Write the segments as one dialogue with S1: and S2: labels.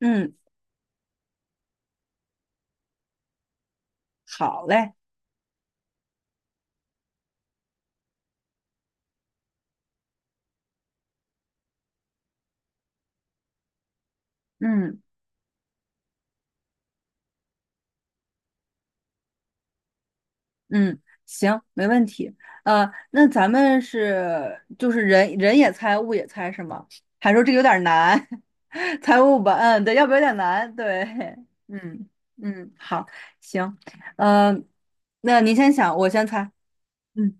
S1: 嗯，好嘞。嗯嗯，行，没问题。那咱们是就是人也猜，物也猜是吗？还说这个有点难，猜物吧，嗯，对，要不有点难，对。嗯嗯，好，行，呃，那您先想，我先猜。嗯，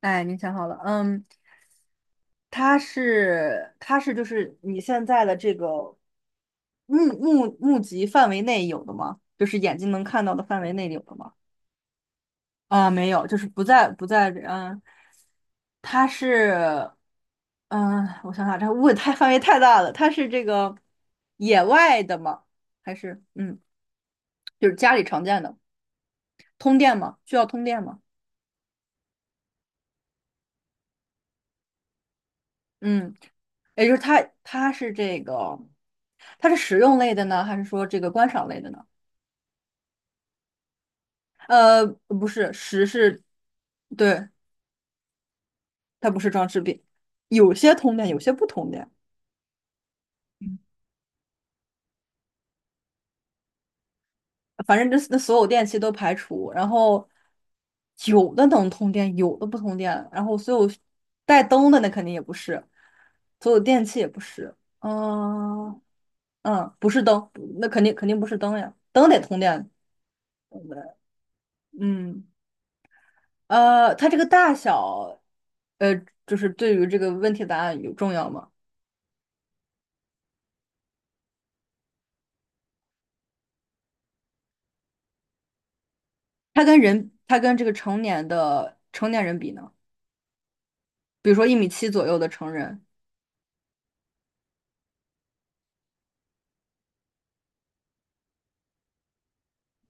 S1: 哎，您想好了，嗯，它是就是你现在的这个目及范围内有的吗？就是眼睛能看到的范围内有的吗？啊，没有，就是不在，嗯，它是。嗯，我想想，这问太范围太大了，它是这个野外的吗？还是嗯，就是家里常见的通电吗？需要通电吗？嗯，也就是它是这个，它是食用类的呢，还是说这个观赏类的呢？不是，食是，对，它不是装饰品，有些通电，有些不通电。反正这那所有电器都排除，然后有的能通电，有的不通电，然后所有带灯的那肯定也不是，所有电器也不是。嗯嗯，不是灯，那肯定不是灯呀，灯得通电，对不对？嗯，它这个大小，呃，就是对于这个问题的答案有重要吗？它跟人，它跟这个成年的成年人比呢？比如说1.7米左右的成人，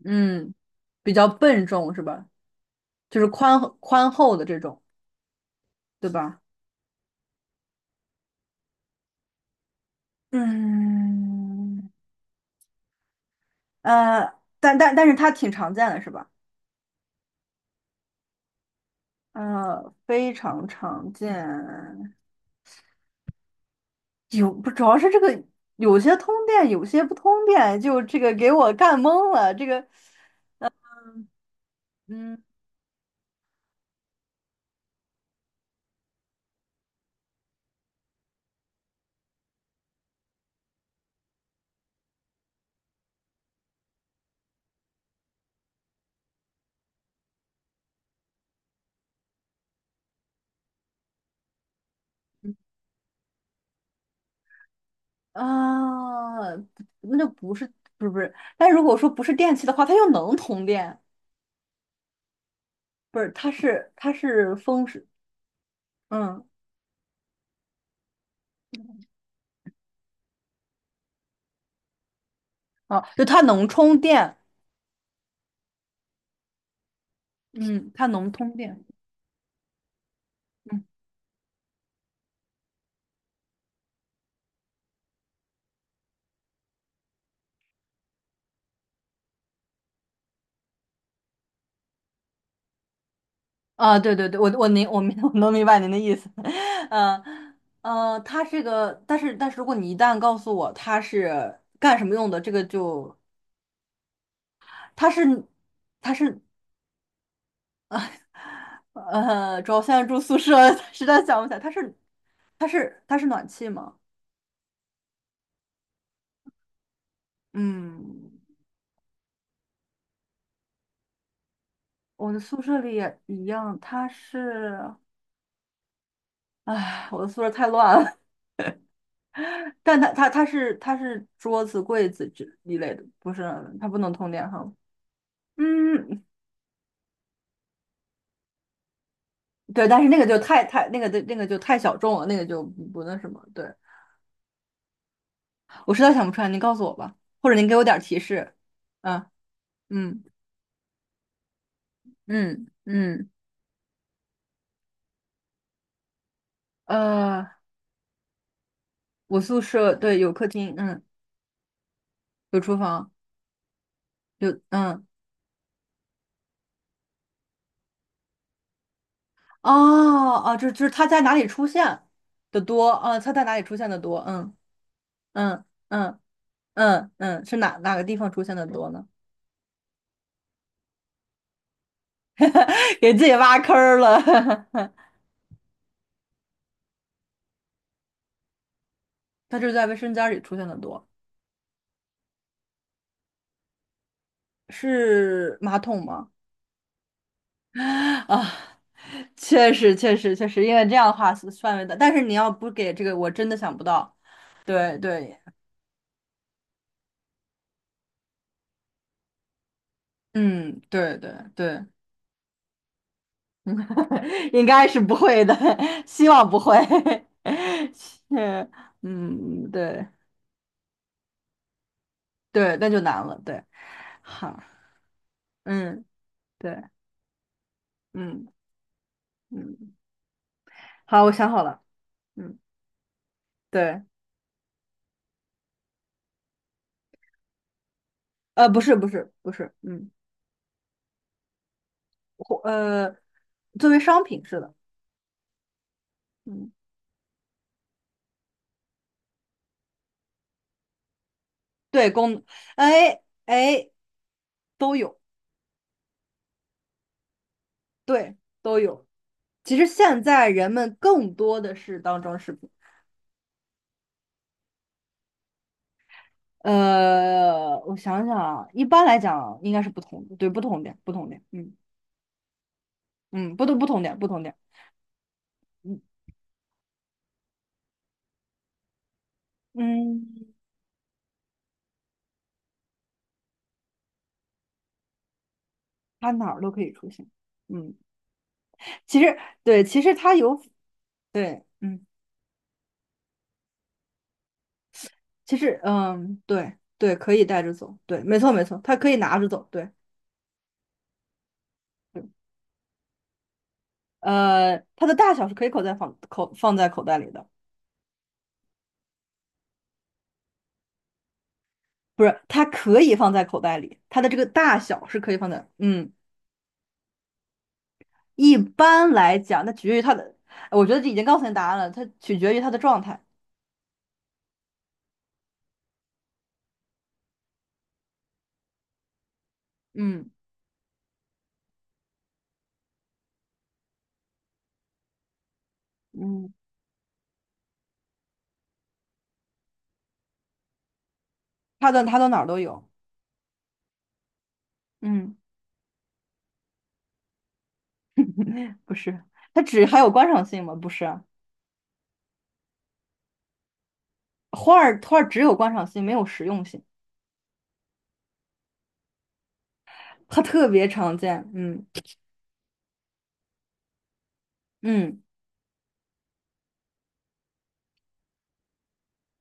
S1: 嗯，比较笨重是吧？就是宽宽厚的这种，对吧？嗯，但是它挺常见的，是吧？非常常见。有不主要是这个有些通电，有些不通电，就这个给我干懵了。这个，嗯，啊，不那就不是，不是不是，但如果说不是电器的话，它又能通电，不是？它是风是，嗯，哦，就它能充电，嗯，它能通电。嗯。啊，对对对，我能明白您的意思。嗯，他这个，但是如果你一旦告诉我他是干什么用的，这个就他是他是，主要现在住宿舍，实在想不起来，他是暖气吗？嗯，我的宿舍里也一样，他是，唉，我的宿舍太乱了。但他是桌子柜子之一类的，不是，它不能通电哈。嗯，对，但是那个就太那个的那个就太小众了，那个就不那什么。对，我实在想不出来，您告诉我吧，或者您给我点儿提示。啊，嗯嗯嗯，呃，我宿舍对有客厅，嗯，有厨房，有嗯，哦哦，就是它在哪里出现的多啊？它在哪里出现的多？嗯嗯嗯嗯嗯，是哪个地方出现的多呢？给自己挖坑儿了。它就是在卫生间里出现的多，是马桶吗？啊，确实，确实，确实，因为这样的话是范围的，但是你要不给这个，我真的想不到。对对，嗯，对对对，应该是不会的，希望不会。是，嗯，对对，那就难了。对，好，嗯，对，嗯嗯，好，我想好了。嗯，对，不是不是不是，嗯，或作为商品是的。嗯，对，功能，哎哎，都有。对，都有。其实现在人们更多的是当装饰品。我想想啊，一般来讲应该是不同的，对，不同点，不同点，嗯嗯，不同点，不同点，嗯嗯，它哪儿都可以出现。嗯，其实对，其实它有，对，嗯，其实嗯，对对，可以带着走，对，没错没错，它可以拿着走，对，对，它的大小是可以口袋放口放在口袋里的。不是，它可以放在口袋里，它的这个大小是可以放在，嗯，一般来讲，那取决于它的，我觉得这已经告诉你答案了，它取决于它的状态。嗯嗯，它的它到哪儿都有。嗯，不是，它只还有观赏性吗？不是啊，花儿花儿只有观赏性，没有实用性，它特别常见，嗯嗯。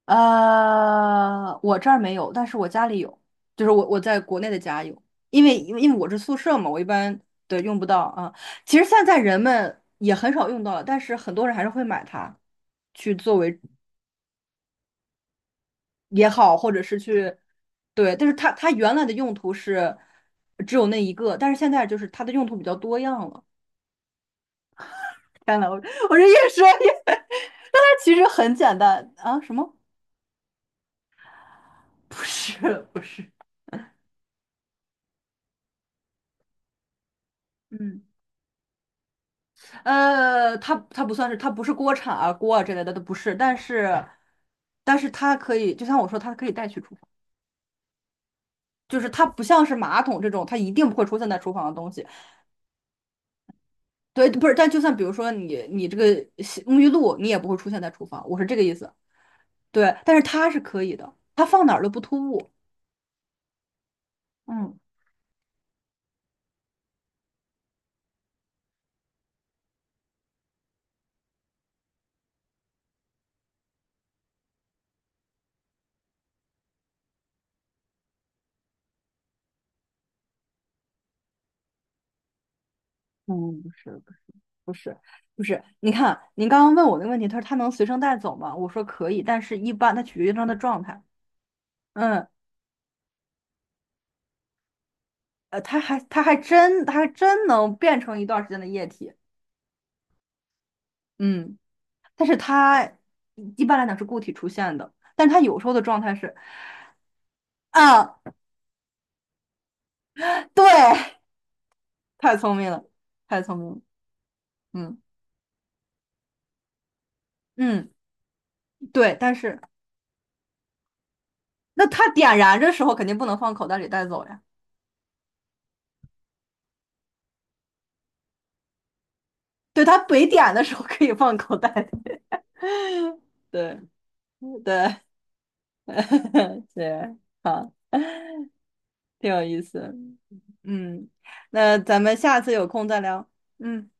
S1: 我这儿没有，但是我家里有，就是我在国内的家有，因为我是宿舍嘛，我一般对用不到啊。其实现在人们也很少用到了，但是很多人还是会买它去作为也好，或者是去对，但是它原来的用途是只有那一个，但是现在就是它的用途比较多样了。天呐，我这越说越，但它其实很简单啊，什么？不是不是，嗯。它不算是，它不是锅铲啊、锅啊之类的，都不是。但是，但是它可以，就像我说，它可以带去厨房，就是它不像是马桶这种，它一定不会出现在厨房的东西。对，不是。但就算比如说你这个洗沐浴露，你也不会出现在厨房，我是这个意思。对，但是它是可以的，它放哪儿都不突兀。嗯嗯，不是不是不是不是，你看您刚刚问我那个问题，他说他能随身带走吗？我说可以，但是一般它取决于它的状态。嗯，它还真能变成一段时间的液体，嗯，但是它一般来讲是固体出现的，但是它有时候的状态是，啊，对，太聪明了，太聪明了，嗯嗯，对，但是那它点燃的时候肯定不能放口袋里带走呀，对，它没点的时候可以放口袋里，对对 对，好，挺有意思，嗯，那咱们下次有空再聊。嗯。